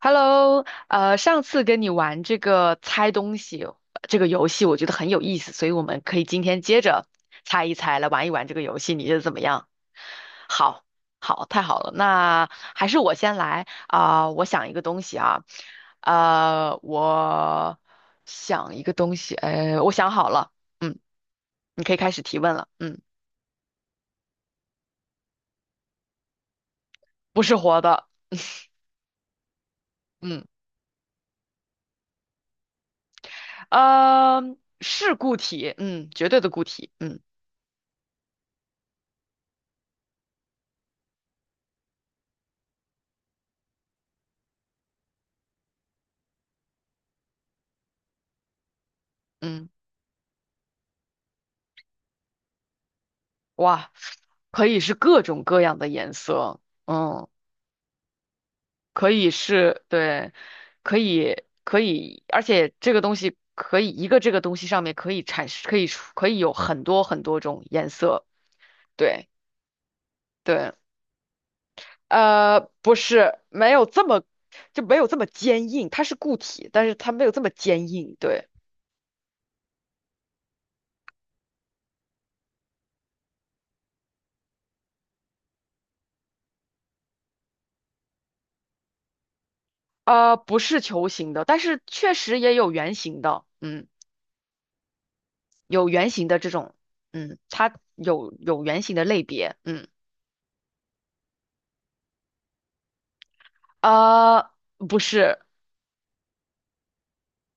Hello，上次跟你玩这个猜东西这个游戏，我觉得很有意思，所以我们可以今天接着猜一猜，来玩一玩这个游戏，你觉得怎么样？好，好，太好了，那还是我先来啊，我想一个东西啊，呃，我想一个东西，哎，我想好了。嗯，你可以开始提问了。嗯，不是活的。嗯，呃，是固体，嗯，绝对的固体。嗯嗯。哇，可以是各种各样的颜色。嗯，可以是，对，可以可以，而且这个东西可以一个这个东西上面可以产生，可以有很多种颜色。对对。呃，不是，没有这么就没有这么坚硬，它是固体，但是它没有这么坚硬。对。呃，不是球形的，但是确实也有圆形的。嗯，有圆形的这种。嗯，它有圆形的类别。嗯。啊，不是。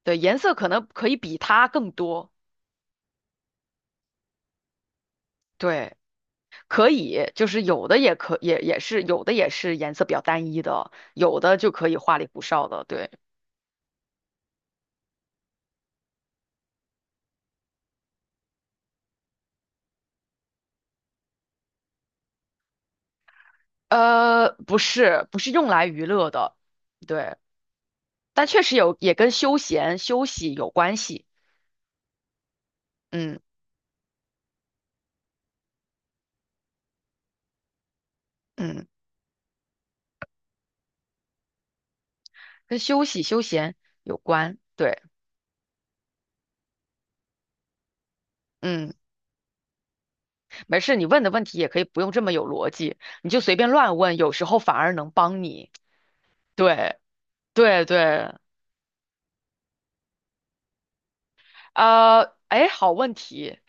对，颜色可能可以比它更多。对，可以，就是有的也是颜色比较单一的，有的就可以花里胡哨的。对。呃，不是，不是用来娱乐的。对，但确实有也跟休闲休息有关系。嗯嗯，跟休息休闲有关。对。嗯，没事，你问的问题也可以不用这么有逻辑，你就随便乱问，有时候反而能帮你。对对对。呃，哎，好问题。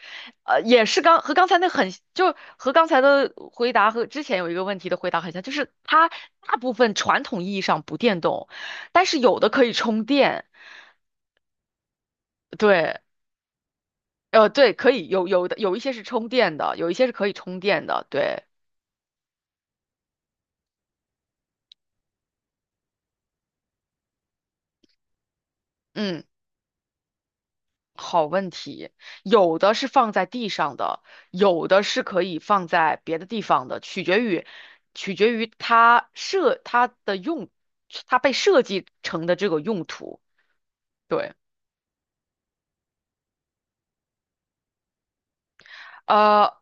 呃，也是刚和刚才那很，就和刚才的回答和之前有一个问题的回答很像，就是它大部分传统意义上不电动，但是有的可以充电。对。呃，对，可以有有的有一些是充电的，有一些是可以充电的。对。嗯。好问题。有的是放在地上的，有的是可以放在别的地方的，取决于它的用，它被设计成的这个用途。对。呃，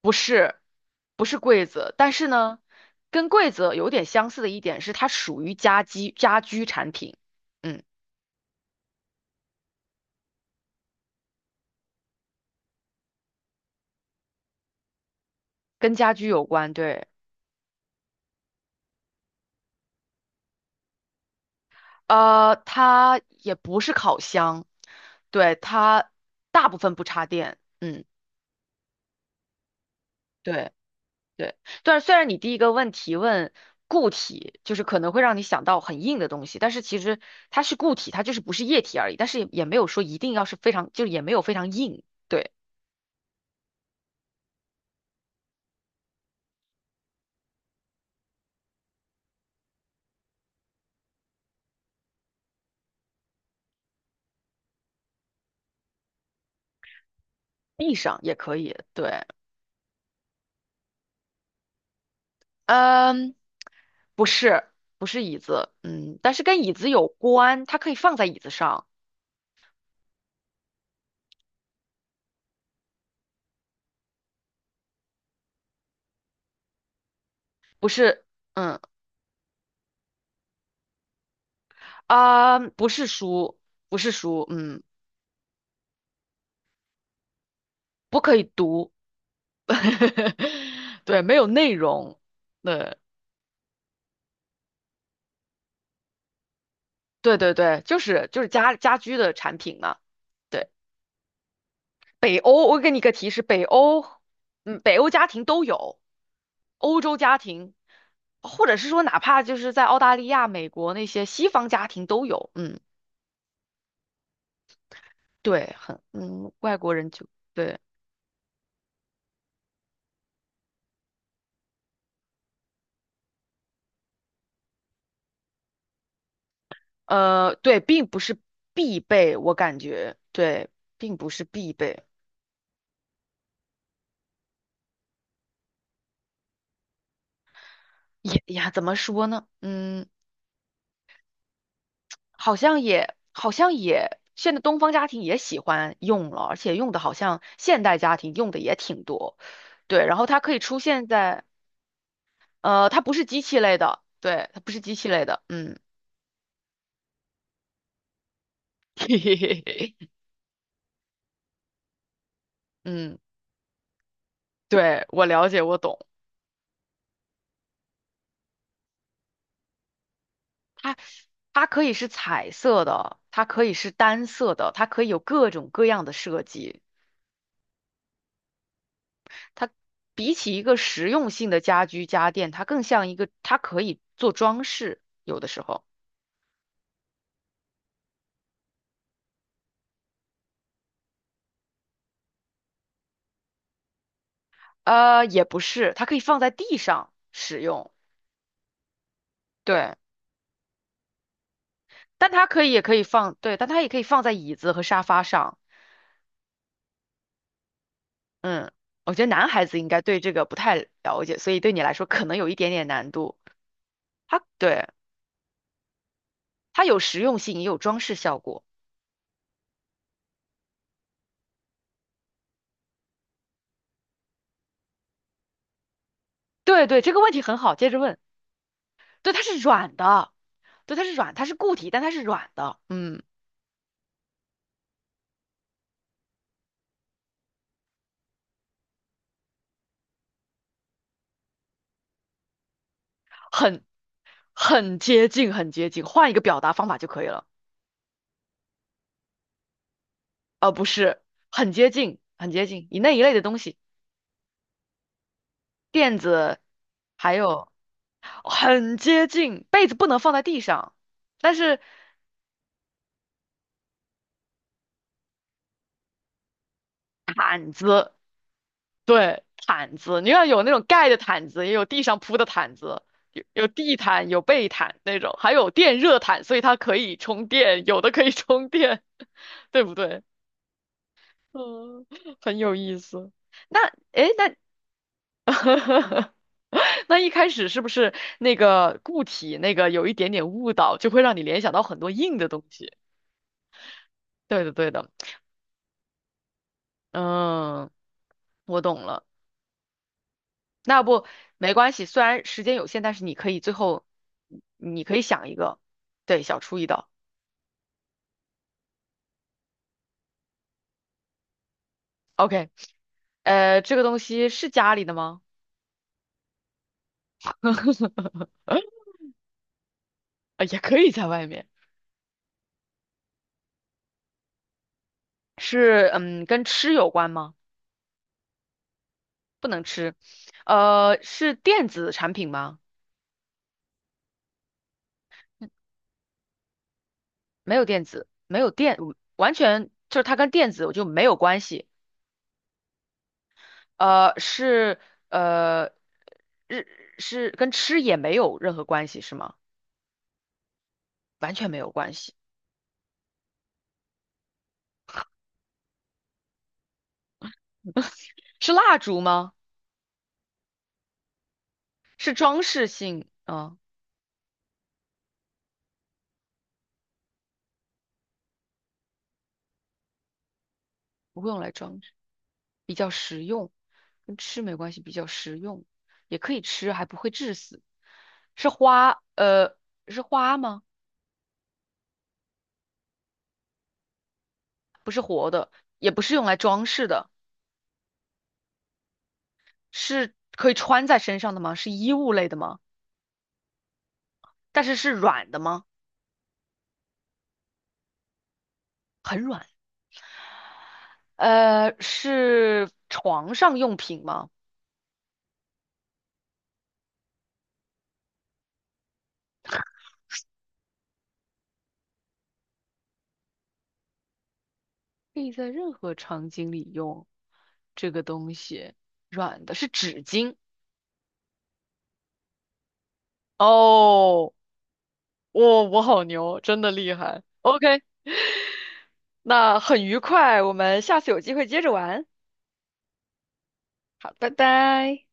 不是不是柜子，但是呢，跟柜子有点相似的一点是它属于家居产品。嗯，跟家居有关。对。呃，它也不是烤箱。对，它大部分不插电。嗯。对对，但是虽然你第一个问题问固体，就是可能会让你想到很硬的东西，但是其实它是固体，它就是不是液体而已，但是也没有说一定要是非常，就是也没有非常硬。对。地上也可以。对。嗯，不是，不是椅子。嗯，但是跟椅子有关，它可以放在椅子上。不是。嗯不是书，不是书。嗯，不可以读。对，没有内容。对。对对对，就是家居的产品嘛。对，北欧，我给你一个提示，北欧。嗯，北欧家庭都有，欧洲家庭，或者是说哪怕就是在澳大利亚、美国那些西方家庭都有。嗯，对，很，嗯，外国人就对。呃，对，并不是必备，我感觉对，并不是必备。也呀，怎么说呢？嗯。好像也，现在东方家庭也喜欢用了，而且用的好像现代家庭用的也挺多。对，然后它可以出现在，它不是机器类的。对，它不是机器类的。嗯，嘿嘿嘿嘿。嗯，对，我了解，我懂。它它可以是彩色的，它可以是单色的，它可以有各种各样的设计。它比起一个实用性的家居家电，它更像一个，它可以做装饰，有的时候。呃，也不是，它可以放在地上使用。对，但它也可以放。对，但它也可以放在椅子和沙发上。嗯，我觉得男孩子应该对这个不太了解，所以对你来说可能有一点点难度。它对，它有实用性，也有装饰效果。对对，这个问题很好，接着问。对，它是软的。对，它是固体，但它是软的。嗯，很很接近，很接近，换一个表达方法就可以了。呃，不是，很接近，很接近，以那一类的东西。垫子还有很接近，被子不能放在地上，但是对毯子，你要有那种盖的毯子，也有地上铺的毯子，有地毯，有被毯那种，还有电热毯，所以它可以充电，有的可以充电，对不对？嗯，很有意思。那诶，那 那一开始是不是那个固体那个有一点点误导，就会让你联想到很多硬的东西？对的，对的。嗯。我懂了。那要不没关系，虽然时间有限，但是你可以最后，你可以想一个。对，小出一道。OK，呃，这个东西是家里的吗？也可以在外面。是，嗯，跟吃有关吗？不能吃。呃，是电子产品吗？没有电子，没有电，完全就是它跟电子我就没有关系。呃，是，呃，日是跟吃也没有任何关系，是吗？完全没有关系。是蜡烛吗？是装饰性啊，不会用来装饰，比较实用，跟吃没关系，比较实用，也可以吃，还不会致死。是花，呃，是花吗？也不是用来装饰的，是可以穿在身上的吗？是衣物类的吗？但是是软的吗？很软。呃，是床上用品吗？可以在任何场景里用这个东西，软的是纸巾哦。我好牛，真的厉害。OK，那很愉快，我们下次有机会接着玩。好，拜拜。